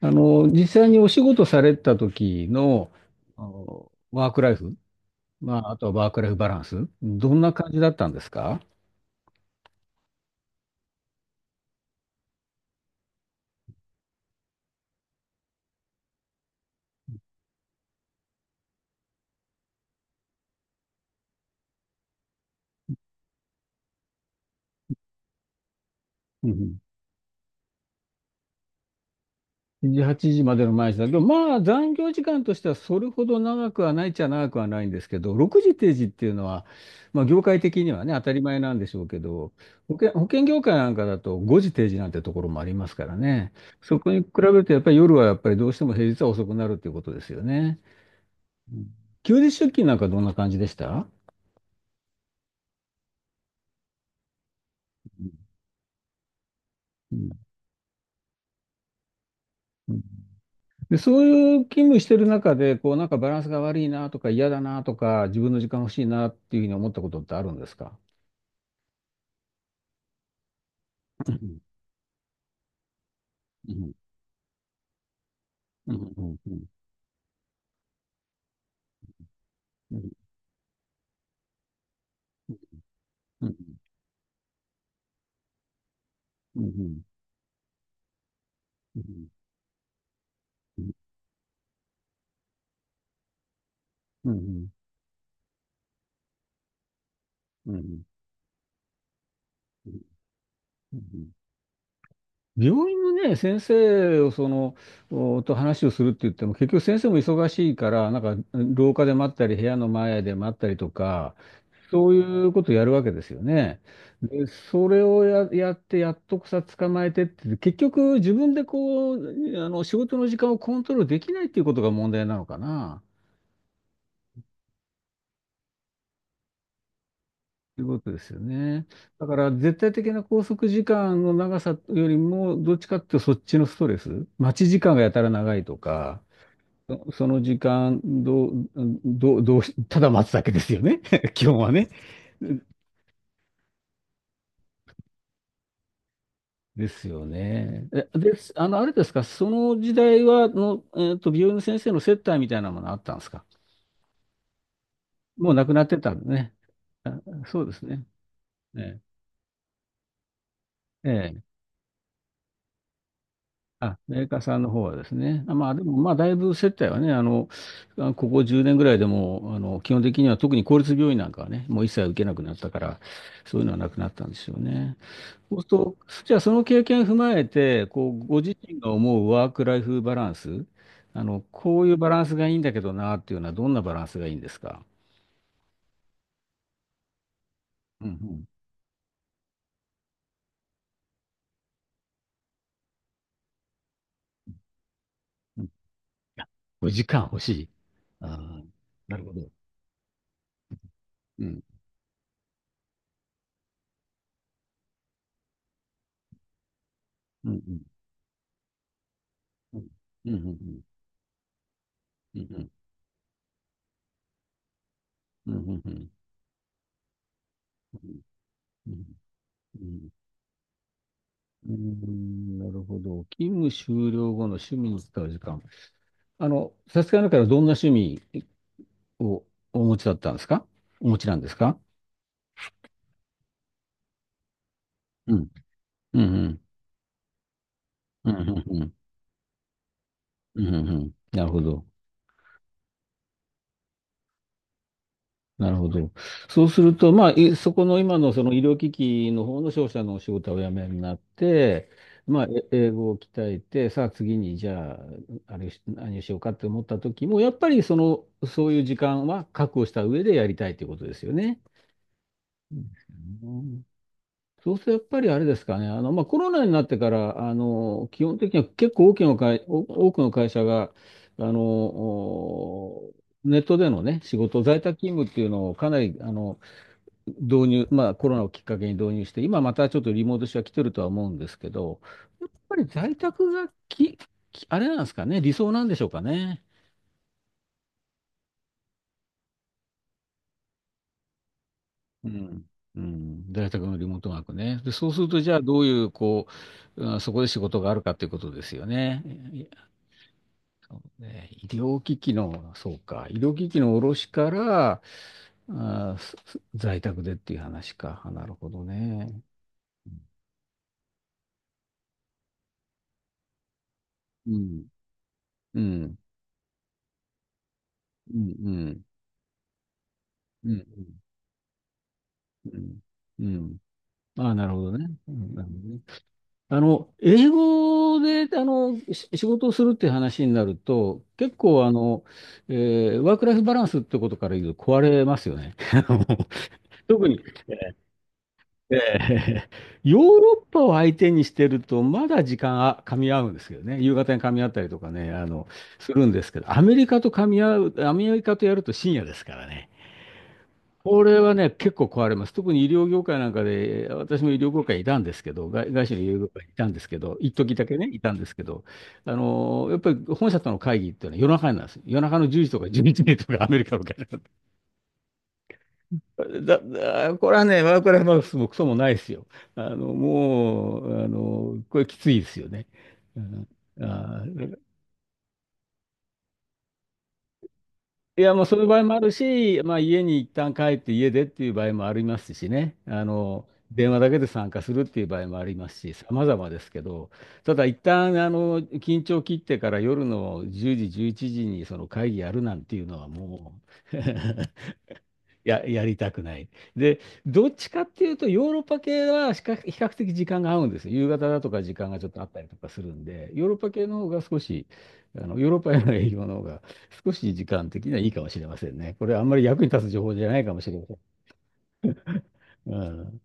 実際にお仕事された時の、ワークライフ、まあ、あとはワークライフバランス、どんな感じだったんですか？うんうん。7時、8時までの毎日だけど、まあ、残業時間としてはそれほど長くはないっちゃ長くはないんですけど、6時定時っていうのは、まあ、業界的にはね、当たり前なんでしょうけど、保険業界なんかだと5時定時なんてところもありますからね。そこに比べると、やっぱり夜はやっぱりどうしても平日は遅くなるっていうことですよね。うん。休日出勤なんかどんな感じでした？うんうん。で、そういう勤務してる中で、こう、なんかバランスが悪いなとか嫌だなとか、自分の時間欲しいなっていうふうに思ったことってあるんですか？うん、うん、うん、うん、うん、うん、うん、うん、うん、うん、うん、うん。病院のね、先生をその、と話をするって言っても、結局先生も忙しいから、なんか廊下で待ったり、部屋の前で待ったりとか、そういうことやるわけですよね。で、それをやって、やっとさ、捕まえてって、結局自分でこう、仕事の時間をコントロールできないっていうことが問題なのかな、ということですよね。だから、絶対的な拘束時間の長さよりも、どっちかっていうとそっちのストレス、待ち時間がやたら長いとか、その時間どうただ待つだけですよね、基本はね。ですよね。えです、あの、あれですか、その時代は、の、えっと、病院の先生の接待みたいなものあったんですか？もう亡くなってたんでね。あ、そうですね。ええ。ええ、あ、メーカーさんの方はですね。あ、まあ、でも、まあ、だいぶ接待はね、あ、ここ10年ぐらいでも、基本的には特に公立病院なんかはね、もう一切受けなくなったから、そういうのはなくなったんですよね。そうすると、じゃあその経験を踏まえて、こう、ご自身が思うワークライフバランス、こういうバランスがいいんだけどなっていうのはどんなバランスがいいんですか？うんうんうん。あ、5時間欲しい。ああ、なるほど。うん。うんうん。うんうんうん。うんうんうん。うんうんうんうん。なるほど。勤務終了後の趣味に使う時間。さすがなからどんな趣味をお持ちだったんですかお持ちなんですかうんうん。うんうんうん。うんうんうんうん。なるほど。なるほど。そうすると、まあ、そこの今のその医療機器の方の商社のお仕事をお辞めになって、まあ、英語を鍛えて、さあ次にじゃあ、あれし、何をしようかって思った時も、やっぱりその、そういう時間は確保した上でやりたいということですよね。うん。そうするとやっぱりあれですかね、まあ、コロナになってから、基本的には結構大きな会、お多くの会社があのおネットでの、ね、仕事、在宅勤務っていうのをかなり導入、まあ、コロナをきっかけに導入して、今またちょっとリモート化は来てるとは思うんですけど、やっぱり在宅があれなんですかね、理想なんでしょうかね。うん、うん、在宅のリモートワークね。で、そうすると、じゃあどういう、こう、うん、そこで仕事があるかということですよね。ね、医療機器の、そうか、医療機器の卸から、在宅でっていう話か。あ、なるほどね。うん、うん、うん、うん、うん、うん、うん。うん、ああ、なるほどね。うん、なるほどね。英語で、仕事をするっていう話になると、結構、えワークライフバランスってことから言うと壊れますよね。あの特に、ええ、ヨーロッパを相手にしてると、まだ時間が噛み合うんですけどね、夕方に噛み合ったりとかね、するんですけど、アメリカとやると深夜ですからね。これはね、結構壊れます。特に医療業界なんかで、私も医療業界にいたんですけど、外資の医療業界にいたんですけど、一時だけね、いたんですけど、やっぱり本社との会議っていうのは夜中になんですよ。夜中の10時とか11時とかアメリカの会議。これはね、ワークライフバランスもクソもないですよ。もう、これきついですよね。うん、あー、いや、もうそういう場合もあるし、まあ、家に一旦帰って家でっていう場合もありますしね。電話だけで参加するっていう場合もありますし、様々ですけど、ただ一旦、緊張切ってから夜の10時、11時にその会議やるなんていうのはもう やりたくない。で、どっちかっていうと、ヨーロッパ系は比較的時間が合うんですよ。夕方だとか時間がちょっとあったりとかするんで、ヨーロッパ系の方が少し、あの、ヨーロッパへの営業の方が少し時間的にはいいかもしれませんね。これあんまり役に立つ情報じゃないかもしれません。うん。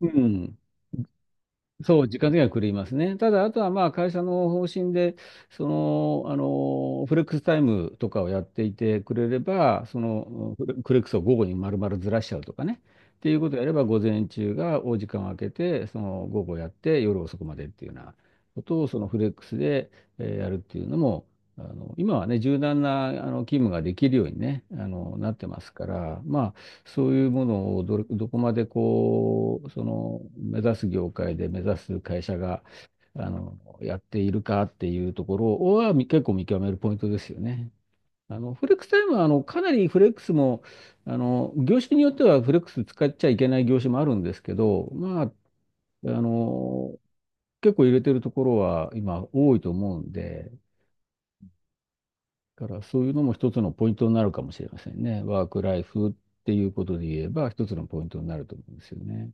うん。そう、時間的には狂いますね。ただ、あとはまあ会社の方針で、その、フレックスタイムとかをやっていてくれれば、その、フレックスを午後に丸々ずらしちゃうとかね、っていうことをやれば、午前中がお時間を空けて、その午後やって、夜遅くまでっていうようなことを、そのフレックスで、やるっていうのも、今はね、柔軟な勤務ができるようにね、なってますから、まあ、そういうものをどこまでこう、その目指す業界で目指す会社が、やっているかっていうところは結構見極めるポイントですよね。フレックスタイムは、かなりフレックスも、業種によってはフレックス使っちゃいけない業種もあるんですけど、まあ、あの、結構入れてるところは今多いと思うんで、だからそういうのも一つのポイントになるかもしれませんね。ワークライフっていうことで言えば一つのポイントになると思うんですよね。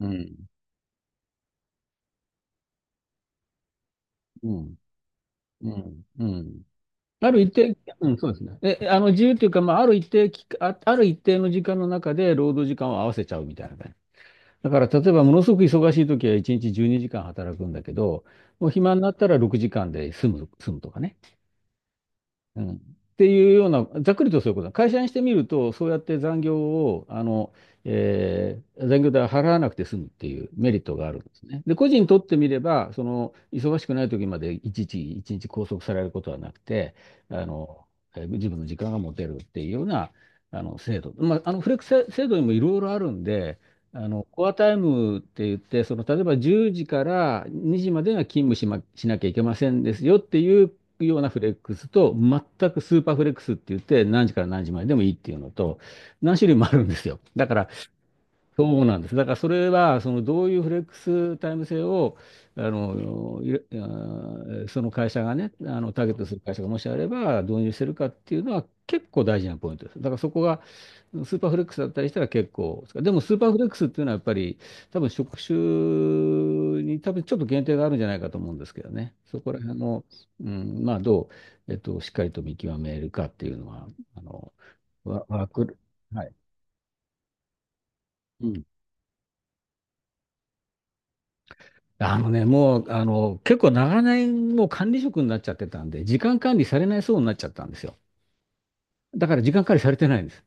うん、うん、うん、うん。ある一定、うん、そうですね。え、あの、自由というか、まあ、ある一定期間、あ、ある一定の時間の中で労働時間を合わせちゃうみたいな感じ。だから、例えば、ものすごく忙しい時は1日12時間働くんだけど、もう暇になったら6時間で済むとかね。うん。っていうような、ざっくりとそういうことだ。会社にしてみると、そうやって残業を、えー残業代を払わなくて済むっていうメリットがあるんですね。で、個人にとってみれば、その、忙しくない時までいちいち、一日拘束されることはなくて、あの、自分の時間が持てるっていうような、あの、制度。まあ、あの、フレックス制度にもいろいろあるんで、あの、コアタイムって言って、その、例えば10時から2時までが勤務しま、しなきゃいけませんですよっていうようなフレックスと、全くスーパーフレックスって言って、何時から何時まででもいいっていうのと、何種類もあるんですよ。だから、そうなんです。だからそれは、そのどういうフレックスタイム制を、あの、いれあーその会社がね、あの、ターゲットする会社がもしあれば導入してるかっていうのは結構大事なポイントです。だからそこがスーパーフレックスだったりしたら結構、でもスーパーフレックスっていうのはやっぱり多分職種にちょっと限定があるんじゃないかと思うんですけどね。そこら辺の、うん、まあどう、えっと、しっかりと見極めるかっていうのは、あの、ワワーク、はい。うん、あのね、もう、あの、結構長年もう管理職になっちゃってたんで、時間管理されないそうになっちゃったんですよ。だから時間管理されてないんです。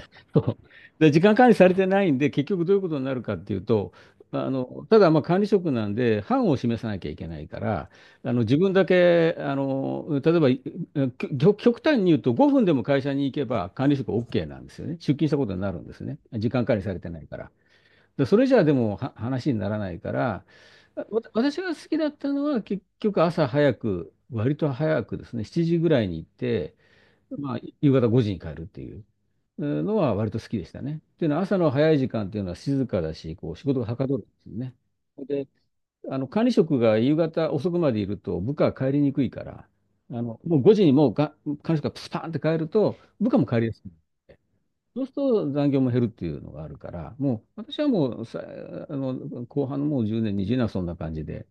そうで、時間管理されてないんで、結局どういうことになるかっていうと、あの、ただまあ管理職なんで、範を示さなきゃいけないから、あの、自分だけ、あの、例えば、いきょ極端に言うと5分でも会社に行けば管理職 OK なんですよね。出勤したことになるんですね。時間管理されてないから。でそれじゃあでもは話にならないから、私が好きだったのは結局朝早く、割と早くですね、7時ぐらいに行って、まあ、夕方5時に帰るっていううんのは割と好きでしたね。っていうのは朝の早い時間っていうのは静かだし、こう仕事がはかどるんですよね。で、あの管理職が夕方遅くまでいると部下は帰りにくいから、あのもう5時にもうが管理職がスパーンって帰ると部下も帰りやすい。そうすると残業も減るっていうのがあるから、もう私はもうさ、あの、後半のもう10年、20年はそんな感じで。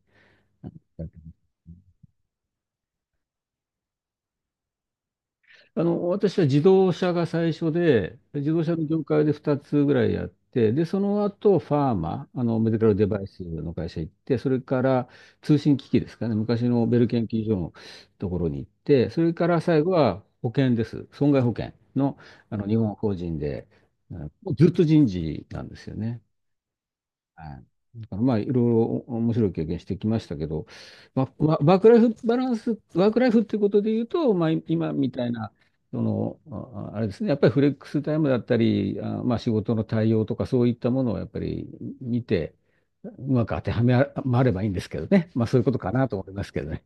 あの、私は自動車が最初で、自動車の業界で2つぐらいやって、で、その後、ファーマ、あの、メディカルデバイスの会社行って、それから通信機器ですかね、昔のベル研究所のところに行って、それから最後は保険です。損害保険の、あの、日本法人で、うん、もうずっと人事なんですよね。はい、だからまあ、いろいろ面白い経験してきましたけど、まあ、まあワークライフバランス、ワークライフっていうことで言うと、まあ、今みたいな、その、ああれですね、やっぱりフレックスタイムだったり、あ、まあ、仕事の対応とかそういったものをやっぱり見て、うまく当てはまればいいんですけどね。まあ、そういうことかなと思いますけどね。